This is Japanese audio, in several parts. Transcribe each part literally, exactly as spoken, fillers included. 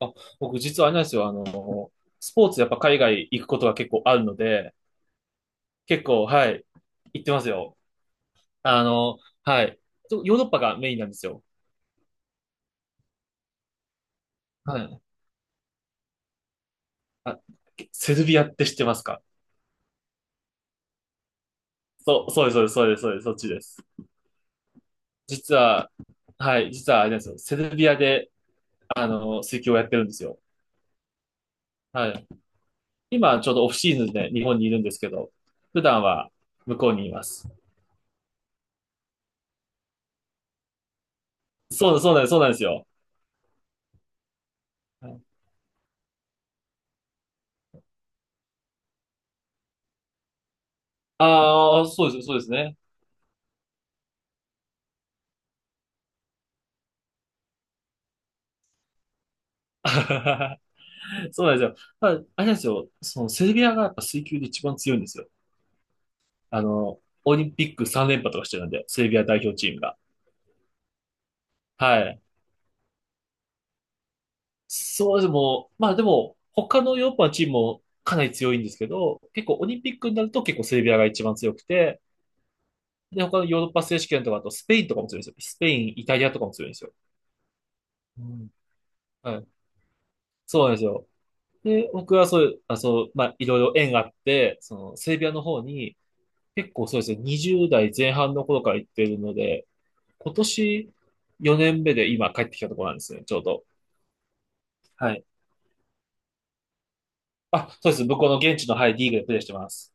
あ、僕実はあれなんですよ。あの、スポーツやっぱ海外行くことが結構あるので、結構、はい、行ってますよ。あの、はい。ヨーロッパがメインなんですよ。はい。あ、セルビアって知ってますか？そう、そうです、そうです、そうです、そうです、そっちです。実は、はい、実はあれなんですよ。セルビアで、あの、水球をやってるんですよ。はい。今、ちょうどオフシーズンで日本にいるんですけど、普段は向こうにいます。そう、そうなんです、そうなんですよ。はい。ああ、そうです、そうですね。そうなんですよ。まあ、あれなんですよ。そのセルビアがやっぱ水球で一番強いんですよ。あの、オリンピックさんれんぱ連覇とかしてるんで、セルビア代表チームが。はい。そうです。もう、まあでも、他のヨーロッパのチームもかなり強いんですけど、結構オリンピックになると結構セルビアが一番強くて、で、他のヨーロッパ選手権とか、あとスペインとかも強いんですよ。スペイン、イタリアとかも強いんですよ。うん。はい。そうなんですよ。で、僕はそういう、あ、そう、まあいろいろ縁があって、そのセルビアの方に、結構そうですね、にじゅうだい代前半の頃から行ってるので、今年よねんめで今帰ってきたところなんですね、ちょうど。はい。あ、そうです。向こうの現地の、はい、リーグでプレーしてます。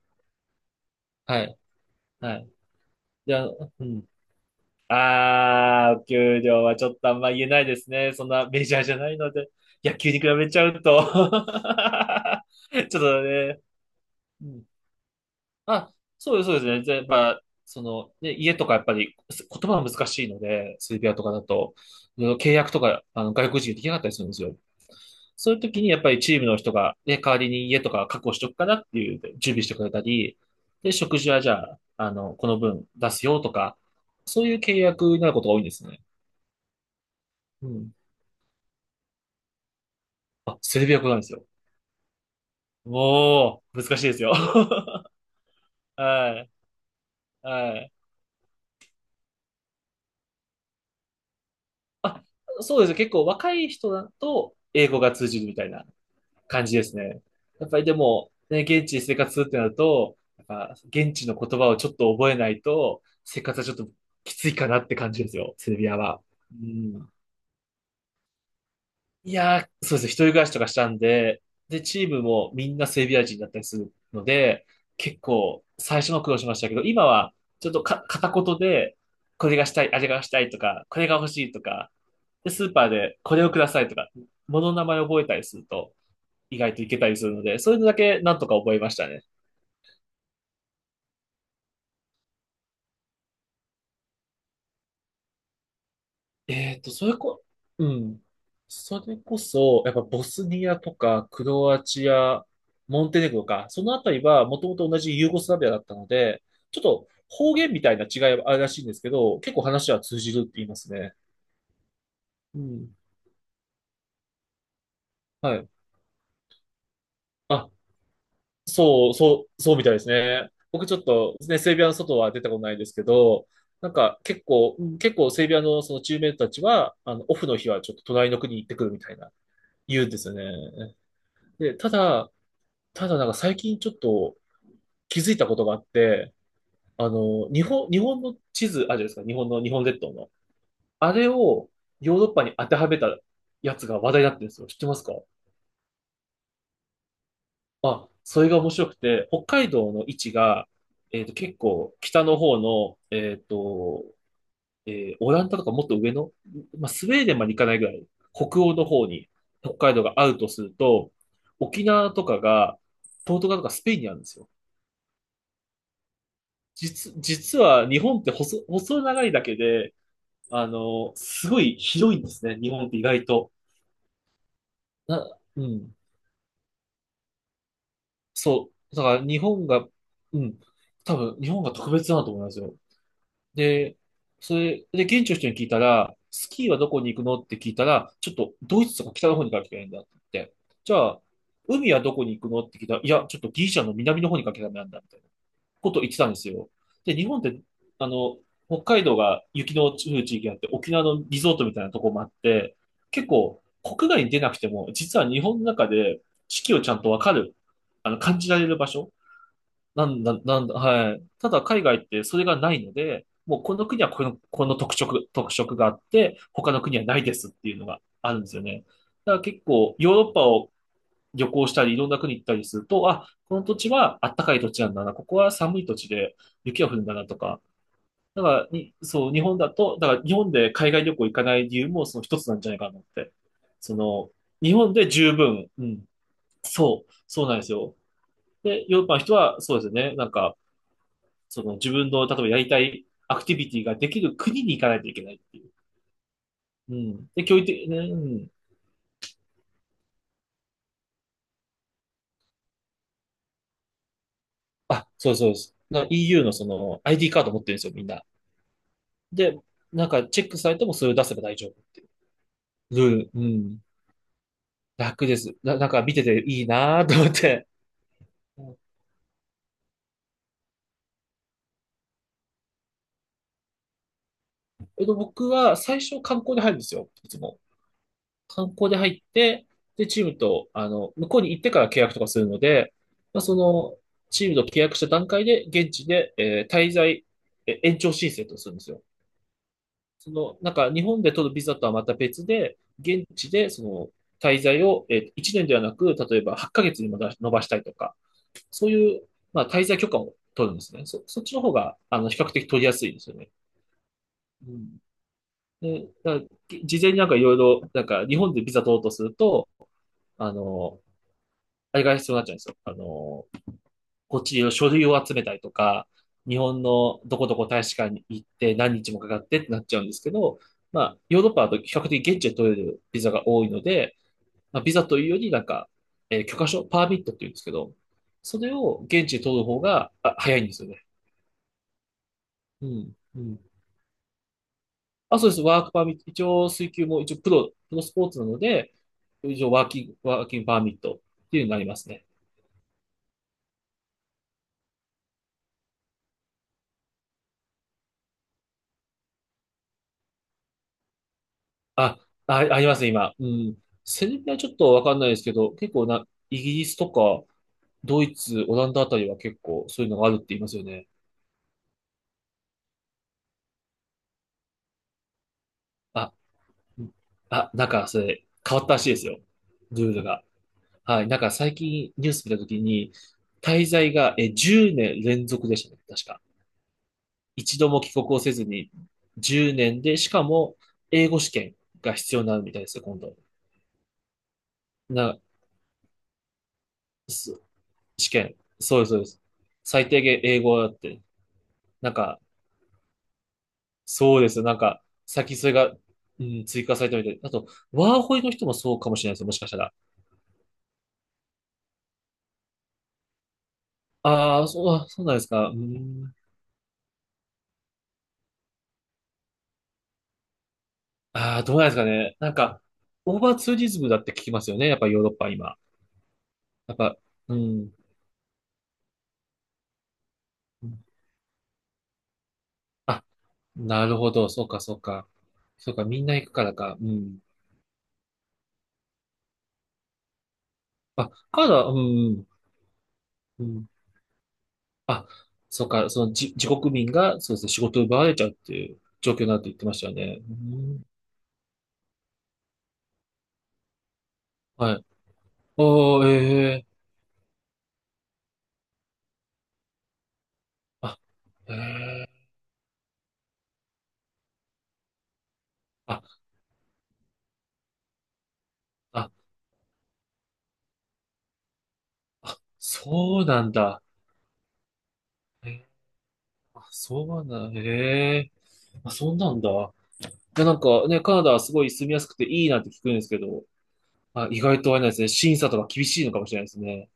はい。はい。じゃあ、うん。あー、お給料はちょっとあんま言えないですね。そんなメジャーじゃないので、野球に比べちゃうと ちょっとね、うん。あ、そうです、そうですね。じやっぱ、その、ね、家とかやっぱりす言葉は難しいので、セルビアとかだと、いろいろ契約とか、あの、外国人できなかったりするんですよ。そういう時にやっぱりチームの人が、ね、代わりに家とか確保しとくからっていう、準備してくれたり、で、食事はじゃあ、あの、この分出すよとか、そういう契約になることが多いんですね。うん。あ、セルビア語なんですよ。もう、難しいですよ。はい。はい。あ、そうです。結構若い人だと英語が通じるみたいな感じですね。やっぱりでも、ね、現地で生活するってなると、やっぱ現地の言葉をちょっと覚えないと、生活はちょっときついかなって感じですよ、セルビアは。うん。いやー、そうですね。一人暮らしとかしたんで、で、チームもみんなセルビア人だったりするので、結構最初の苦労しましたけど、今はちょっとか片言で、これがしたい、あれがしたいとか、これが欲しいとか、で、スーパーでこれをくださいとか、物の名前を覚えたりすると、意外といけたりするので、そういうのだけなんとか覚えましたね。えっと、それこ、うん。それこそ、やっぱボスニアとか、クロアチア、モンテネグロか、そのあたりはもともと同じユーゴスラビアだったので、ちょっと方言みたいな違いはあるらしいんですけど、結構話は通じるって言いますね。うん。はい。あ、そう、そう、そうみたいですね。僕ちょっと、ね、セルビアの外は出たことないですけど、なんか結構、うん結構セルビアのそのチームメイトたちは、あの、オフの日はちょっと隣の国に行ってくるみたいな、言うんですよね。で、ただ、ただなんか最近ちょっと気づいたことがあって、あの、日本、日本の地図、あるじゃないですか、日本の、日本列島の。あれをヨーロッパに当てはめたやつが話題になってるんですよ。知ってますか？あ、それが面白くて、北海道の位置が、えっと、結構北の方の、えっと、えーオランダとかもっと上の、まあ、スウェーデンまで行かないぐらい、北欧の方に北海道があるとすると、沖縄とかが、ポルトガルとかスペインにあるんですよ。実、実は日本って細、細長いだけで、あの、すごい広いんですね、日本って意外と。な、うん。そう。だから日本が、うん。多分、日本が特別だなと思いますよ。で、それ、で、現地の人に聞いたら、スキーはどこに行くのって聞いたら、ちょっとドイツとか北の方に行かなきゃいけないんだって言って。じゃあ、海はどこに行くのって聞いたら、いや、ちょっとギリシャの南の方に行かなきゃダメなんだって。こと言ってたんですよ。で、日本って、あの、北海道が雪の降る地域があって、沖縄のリゾートみたいなとこもあって、結構国外に出なくても、実は日本の中で四季をちゃんとわかる、あの、感じられる場所なんだ、なんだ、はい。ただ海外ってそれがないので、もうこの国はこの、この特色、特色があって、他の国はないですっていうのがあるんですよね。だから結構ヨーロッパを旅行したり、いろんな国行ったりすると、あ、この土地はあったかい土地なんだな、ここは寒い土地で雪が降るんだなとか、だからに、そう、日本だと、だから日本で海外旅行行かない理由もその一つなんじゃないかなと思って。その、日本で十分、うん、そう、そうなんですよ。で、ヨーロッパの人はそうですよね、なんか、その自分の、例えばやりたいアクティビティができる国に行かないといけないっていう。うん。で、教育的、ね、うん。あ、そうそうです。な イーユー のその アイディー カード持ってるんですよ、みんな。で、なんかチェックされてもそれを出せば大丈夫っていうルール。うん。楽です。な、なんか見てていいなぁと思って。うん。えっと、僕は最初観光で入るんですよ。いつも。観光で入って、で、チームと、あの、向こうに行ってから契約とかするので、まあ、その、チームと契約した段階で、現地で、えー滞在、え延長申請とかするんですよ。その、なんか、日本で取るビザとはまた別で、現地で、その、滞在を、えいちねんではなく、例えばはちかげつにもだ延ばしたいとか、そういう、まあ、滞在許可を取るんですね。そ、そっちの方が、あの、比較的取りやすいですよね。うん。で、だから事前になんかいろいろ、なんか、日本でビザ取ろうとすると、あの、あれが必要になっちゃうんですよ。あの、こっちの書類を集めたりとか、日本のどこどこ大使館に行って何日もかかってってなっちゃうんですけど、まあ、ヨーロッパだと比較的現地で取れるビザが多いので、まあ、ビザというよりなんか、えー許可証、パーミットって言うんですけど、それを現地で取る方が、あ、早いんですよね。うん、うん。あ、そうです。ワークパーミット。一応、水球も一応、プロ、プロスポーツなので、一応、ワーキング、ワーキングパーミットっていうのがありますね。あ、あ、ありますね、今。うん。セルビアはちょっとわかんないですけど、結構な、イギリスとか、ドイツ、オランダあたりは結構そういうのがあるって言いますよね。あ、うん。あ、なんか、それ、変わったらしいですよ。ルールが。はい。なんか、最近ニュース見たときに、滞在が、え、じゅうねん連続でしたね、確か。一度も帰国をせずにじゅうねんで、しかも英語試験が必要になるみたいですよ、今度。な、す試験。そうです、そうです。最低限英語だって。なんか、そうですよ。なんか、先それが、うん、追加されたみたいで。あと、ワーホイの人もそうかもしれないですよ、もしかしたら。ああ、そう、あそうなんですか。うん。ああ、どうなんですかね。なんか、オーバーツーリズムだって聞きますよね。やっぱヨーロッパは今。やっぱ、うん。あ、なるほど。そうか、そうか。そうか、みんな行くからか。うん。あ、カナダ、うん、うん。あ、そうか、そのじ、自国民が、そうですね、仕事を奪われちゃうっていう状況になって言ってましたよね。うん、はい。おー、ええ。あ、ええ。あ、あ、そうなんだ。えー、あ、そうなんだ。ええ。あ、そうなんだ。いや、なんかね、カナダはすごい住みやすくていいなって聞くんですけど、あ、意外とあれなんですね、審査とか厳しいのかもしれないですね。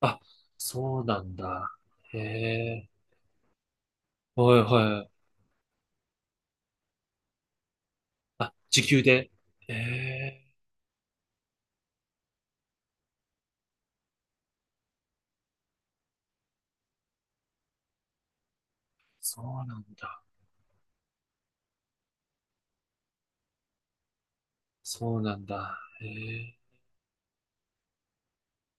あ、そうなんだ。へえ。はいはい。あ、時給で。ええ、そうなんだ。そうなんだ。へえ。